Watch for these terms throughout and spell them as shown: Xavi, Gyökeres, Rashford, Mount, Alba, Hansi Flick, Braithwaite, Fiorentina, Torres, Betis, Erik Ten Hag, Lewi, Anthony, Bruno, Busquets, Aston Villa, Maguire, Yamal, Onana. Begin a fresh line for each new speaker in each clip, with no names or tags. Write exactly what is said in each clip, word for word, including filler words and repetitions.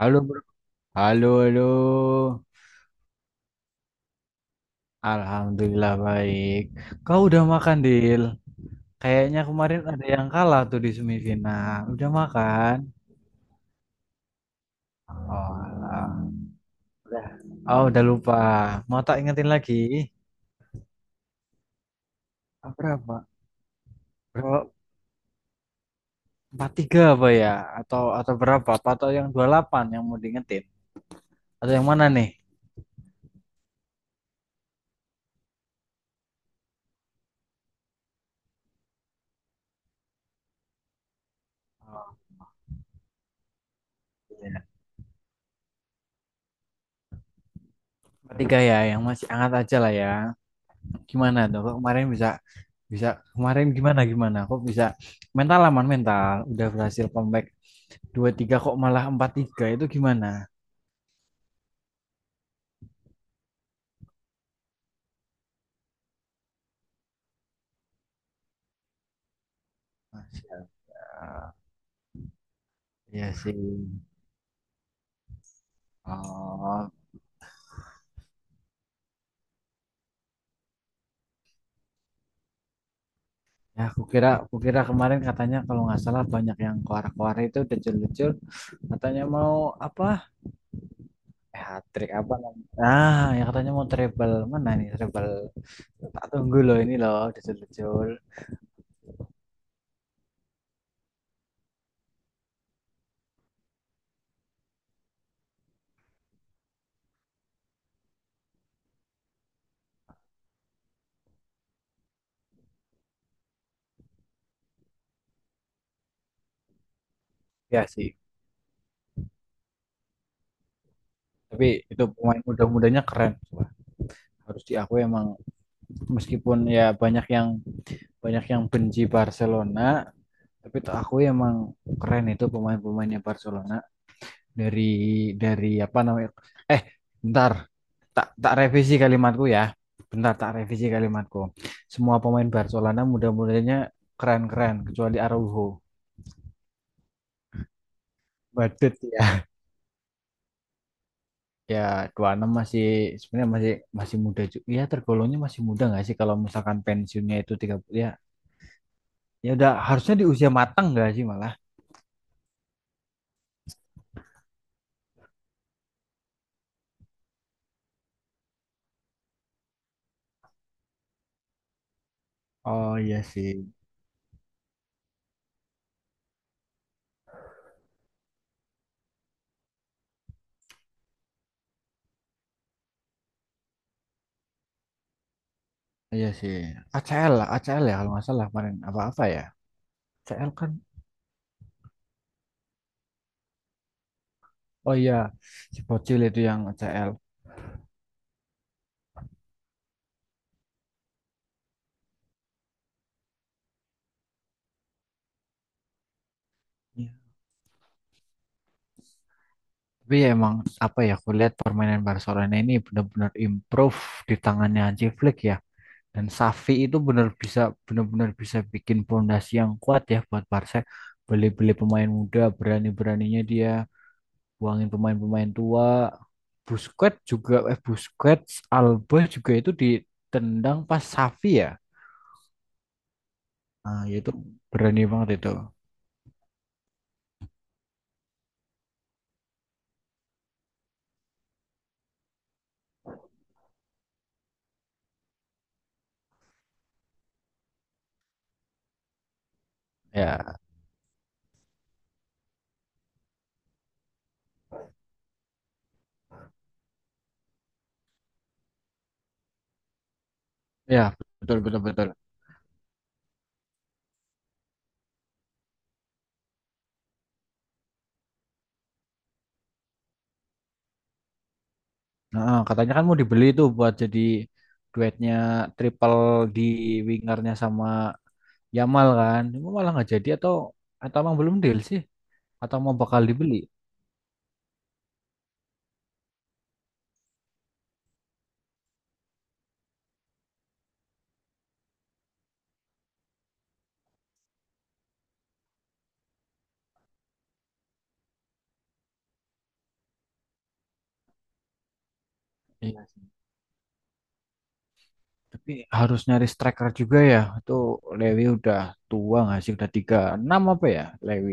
Halo, bro. Halo, halo. Alhamdulillah baik. Kau udah makan, Dil? Kayaknya kemarin ada yang kalah tuh di semifinal. Udah makan? Oh, alah. Udah. Oh, udah lupa. Mau tak ingetin lagi? Ah, berapa? Berapa? Empat tiga apa ya? Atau atau berapa? Apa atau yang dua puluh delapan yang mau diingetin? Atau yang mana nih? Oh, iya. empat tiga ya, yang masih hangat aja lah ya. Gimana tuh kok kemarin bisa bisa kemarin gimana gimana kok bisa mental aman, mental udah berhasil comeback dua tiga kok malah empat tiga itu gimana? Masya Allah. Iya sih, oh ya, aku kira aku kira kemarin katanya kalau nggak salah banyak yang keluar-keluar itu decul-decul, katanya mau apa, eh, hat trick apa namanya, ah ya, katanya mau treble, mana nih treble, tak tunggu loh, ini loh decul-decul. Ya sih. Tapi itu pemain muda-mudanya keren. Wah, harus diakui emang, meskipun ya banyak yang banyak yang benci Barcelona, tapi tuh aku emang keren itu pemain-pemainnya Barcelona. Dari dari apa namanya, eh bentar, tak tak revisi kalimatku ya, bentar tak revisi kalimatku. Semua pemain Barcelona mudah-mudahnya keren-keren kecuali Araujo badut ya ya dua puluh enam masih, sebenarnya masih, masih muda juga ya tergolongnya, masih muda nggak sih, kalau misalkan pensiunnya itu tiga puluh ya, ya udah harusnya di usia matang nggak sih malah. Oh iya sih, iya sih. A C L, lah, A C L ya kalau nggak salah kemarin, apa-apa ya. A C L kan? Oh iya, si Bocil itu yang A C L. Iya. Tapi ya emang, apa ya, aku lihat permainan Barcelona ini benar-benar improve di tangannya Hansi Flick ya. Dan Xavi itu benar bisa, benar-benar bisa bikin pondasi yang kuat ya buat Barca. Beli-beli pemain muda, berani-beraninya dia buangin pemain-pemain tua. Busquets juga, eh, Busquets, Alba juga itu ditendang pas Xavi ya. Nah, itu berani banget itu. Ya, ya, betul betul betul. Nah, katanya kan mau dibeli tuh buat jadi duetnya, triple, di wingernya sama Yamal kan. Cuma malah nggak jadi atau atau emang belum deal sih? Atau mau bakal dibeli? Iya. Tapi harus nyari striker juga ya. Itu Lewi udah tua nggak sih? Udah tiga enam apa ya Lewi?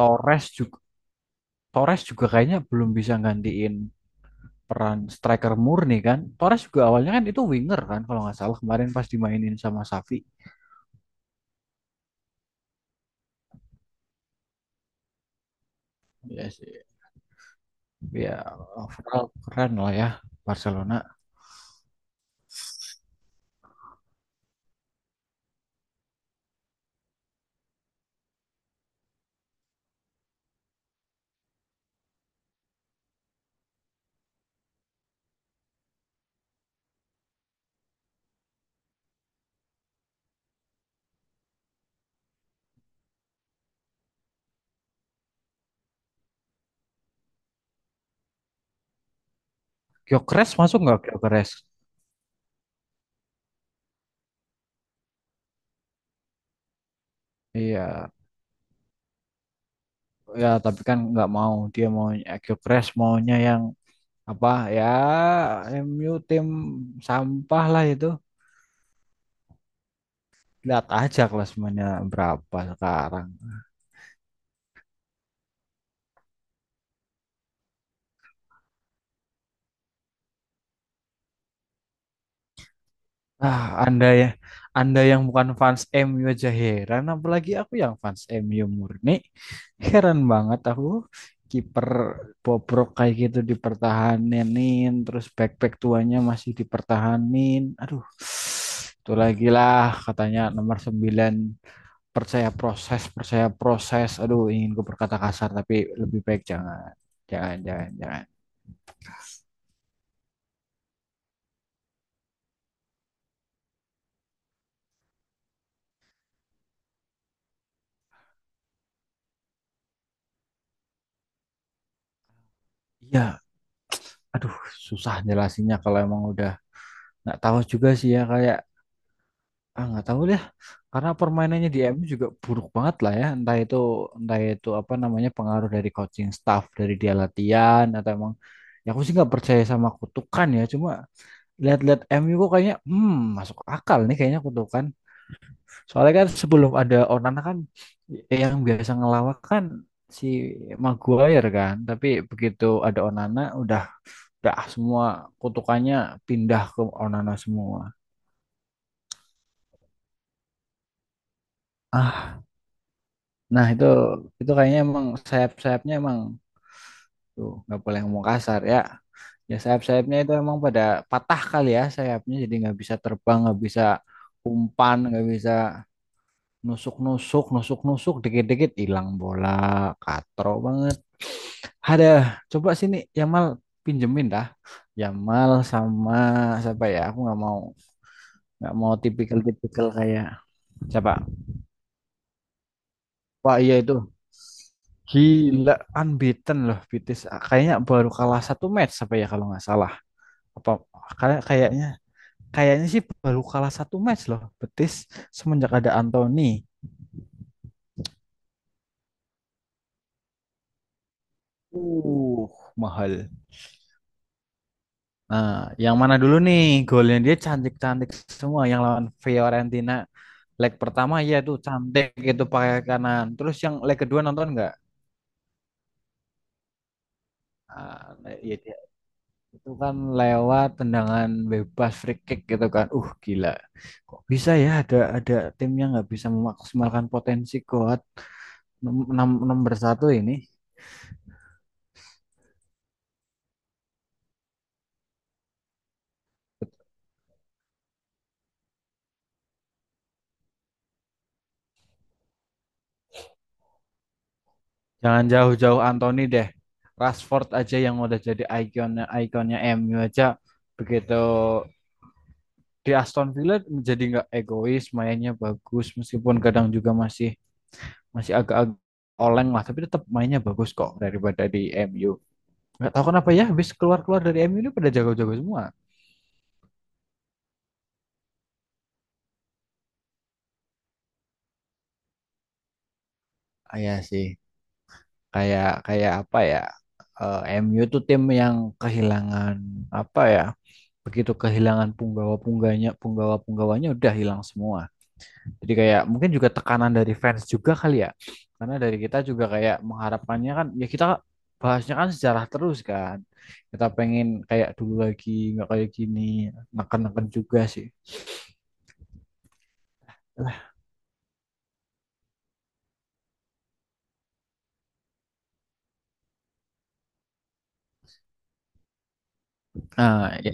Torres juga. Torres juga kayaknya belum bisa gantiin peran striker murni kan. Torres juga awalnya kan itu winger kan kalau nggak salah kemarin pas dimainin sama Xavi. Ya sih. Ya overall keren lah ya Barcelona. Gyökeres masuk nggak, Gyökeres? Iya. Ya tapi kan nggak mau, dia mau, eh, Gyökeres maunya yang apa ya. M U tim sampah lah itu. Lihat aja kelas mainnya berapa sekarang. Ah, Anda ya, Anda yang bukan fans M U aja heran, apalagi aku yang fans M U murni. Heran banget aku kiper bobrok kayak gitu dipertahanin, terus back-back tuanya masih dipertahanin. Aduh, itu lagi lah katanya nomor sembilan, percaya proses, percaya proses. Aduh, ingin gue berkata kasar tapi lebih baik jangan. Jangan, jangan, jangan. Iya, aduh, susah jelasinnya kalau emang udah, nggak tahu juga sih ya, kayak, ah, nggak tahu deh, karena permainannya di M U juga buruk banget lah ya. Entah itu, entah itu apa namanya, pengaruh dari coaching staff, dari dia latihan atau emang. Ya aku sih nggak percaya sama kutukan ya. Cuma lihat-lihat M U kok kayaknya, hmm, masuk akal nih kayaknya kutukan. Soalnya kan sebelum ada Onana kan, eh, yang biasa ngelawak kan si Maguire kan. Tapi begitu ada Onana, udah, dah semua kutukannya pindah ke Onana semua. Nah, itu itu kayaknya emang sayap-sayapnya emang tuh, nggak boleh ngomong kasar ya. Ya sayap-sayapnya itu emang pada patah kali ya sayapnya, jadi nggak bisa terbang, nggak bisa umpan, nggak bisa nusuk-nusuk, nusuk-nusuk dikit-dikit hilang bola, katro banget. Ada, coba sini Yamal pinjemin dah. Yamal sama siapa ya? Aku nggak mau nggak mau tipikal-tipikal kayak siapa? Wah, iya itu gila, unbeaten loh Betis. Ah, kayaknya baru kalah satu match apa ya kalau nggak salah. Apa, kayak kayaknya, kayaknya sih baru kalah satu match loh Betis semenjak ada Anthony. Uh, mahal. Nah, yang mana dulu nih, golnya dia cantik-cantik semua yang lawan Fiorentina leg pertama ya, itu cantik itu pakai kanan. Terus yang leg kedua nonton nggak? Ah, ya. Itu kan lewat tendangan bebas, free kick gitu kan. Uh, gila. Kok bisa ya, ada ada tim yang nggak bisa memaksimalkan potensi kuat, Nom- nom- nomor satu ini. Jangan jauh-jauh Anthony deh. Rashford aja yang udah jadi ikonnya ikonnya M U aja begitu di Aston Villa menjadi nggak egois, mainnya bagus meskipun kadang juga masih, masih agak-agak oleng lah, tapi tetap mainnya bagus kok daripada di M U. Nggak tahu kenapa ya, habis keluar-keluar dari M U ini pada jago-jago semua. Iya sih, kayak kayak apa ya? eh, M U tuh tim yang kehilangan, apa ya? Begitu kehilangan punggawa-pungganya, punggawa-punggawanya udah hilang semua. Jadi kayak mungkin juga tekanan dari fans juga kali ya. Karena dari kita juga kayak mengharapkannya kan ya, kita bahasnya kan sejarah terus kan. Kita pengen kayak dulu lagi, nggak kayak gini, neken-neken juga sih. Nah, ya,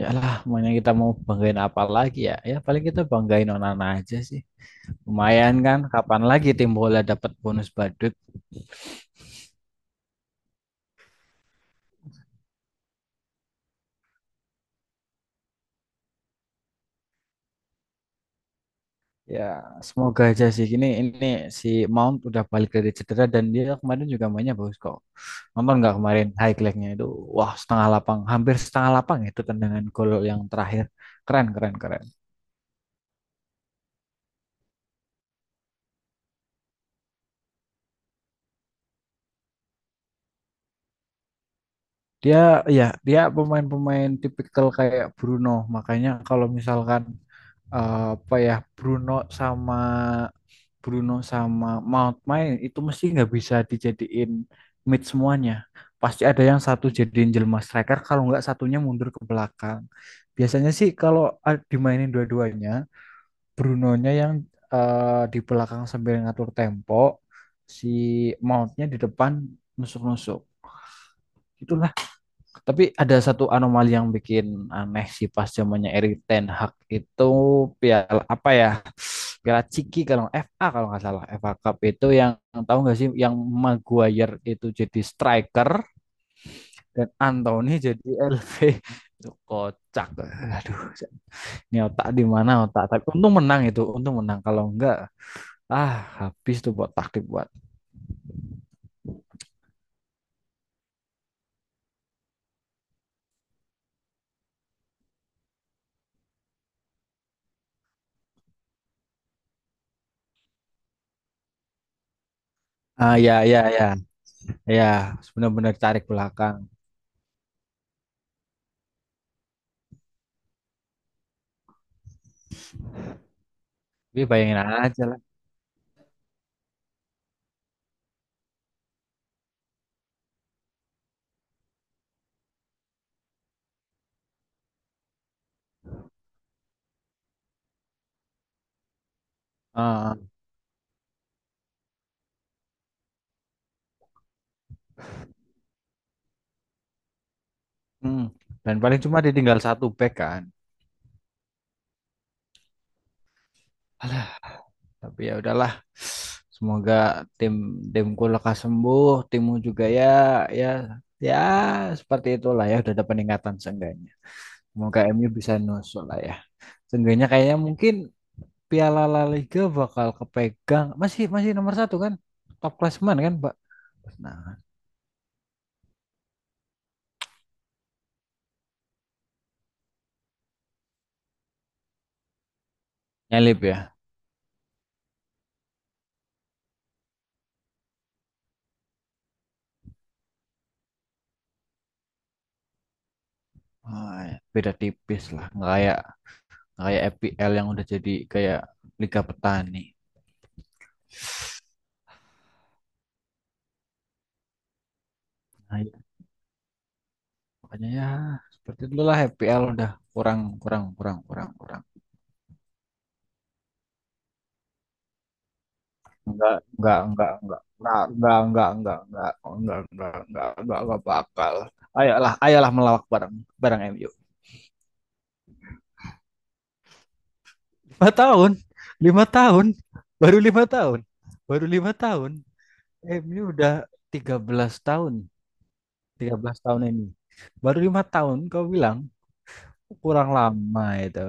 ya lah, makanya kita mau banggain apa lagi ya? Ya paling kita banggain Onana aja sih. Lumayan kan, kapan lagi tim bola dapat bonus badut? Ya, semoga aja sih. Ini ini si Mount udah balik dari cedera dan dia kemarin juga mainnya bagus kok. Nonton nggak kemarin highlightnya itu? Wah, setengah lapang, hampir setengah lapang itu tendangan gol yang terakhir. Keren, keren, keren. Dia ya, dia pemain-pemain tipikal kayak Bruno. Makanya kalau misalkan, eh, apa ya, Bruno sama Bruno sama Mount main itu mesti nggak bisa dijadiin mid semuanya. Pasti ada yang satu jadiin jelma striker kalau nggak satunya mundur ke belakang. Biasanya sih kalau a- dimainin dua-duanya, Brunonya yang, eh, di belakang sambil ngatur tempo, si Mountnya di depan nusuk-nusuk. Itu, tapi ada satu anomali yang bikin aneh sih pas zamannya Erik Ten Hag itu, piala apa ya? Piala Ciki kalau F A, kalau nggak salah F A Cup itu, yang tahu nggak sih, yang Maguire itu jadi striker dan Anthony jadi L V itu kocak. Aduh, ini otak di mana otak? Tapi untung menang itu, untung menang. Kalau enggak, ah, habis tuh buat taktik buat. Ah, ya, ya, ya, ya, benar-benar tarik belakang. Tapi bayangin aja lah. Ah, ah. Hmm. Dan paling cuma ditinggal satu back kan. Alah, tapi ya udahlah. Semoga tim timku lekas sembuh, timmu juga ya, ya, ya, seperti itulah, ya udah ada peningkatan seenggaknya. Semoga M U bisa nusuk lah ya. Seenggaknya kayaknya mungkin Piala La Liga bakal kepegang, masih masih nomor satu kan, top klasmen kan Pak. Nah, nyelip ya. Ah, ya. Beda tipis lah, nggak kayak nggak kayak E P L yang udah jadi kayak Liga Petani. Nah, ya. Makanya ya seperti dulu lah F P L udah kurang, kurang, kurang, kurang, kurang. Enggak enggak enggak enggak enggak enggak enggak enggak enggak enggak enggak enggak enggak enggak bakal. Ayolah, ayolah, melawak bareng, bareng M U. Lima tahun, lima tahun, baru lima tahun, baru lima tahun. M U udah tiga belas tahun, tiga belas tahun ini, baru lima tahun kau bilang, kurang lama itu.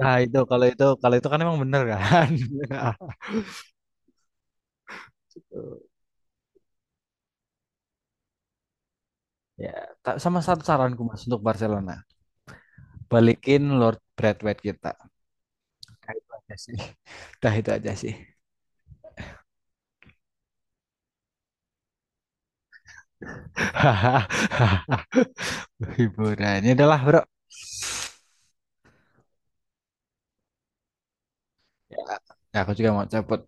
Nah itu, kalau itu, kalau itu kan emang bener kan. Ya, ta- sama, satu saranku Mas untuk Barcelona. Balikin Lord Braithwaite kita. Nah, itu aja sih. Dah, itu aja sih. Hiburannya adalah, Bro. Ya, aku juga mau cabut.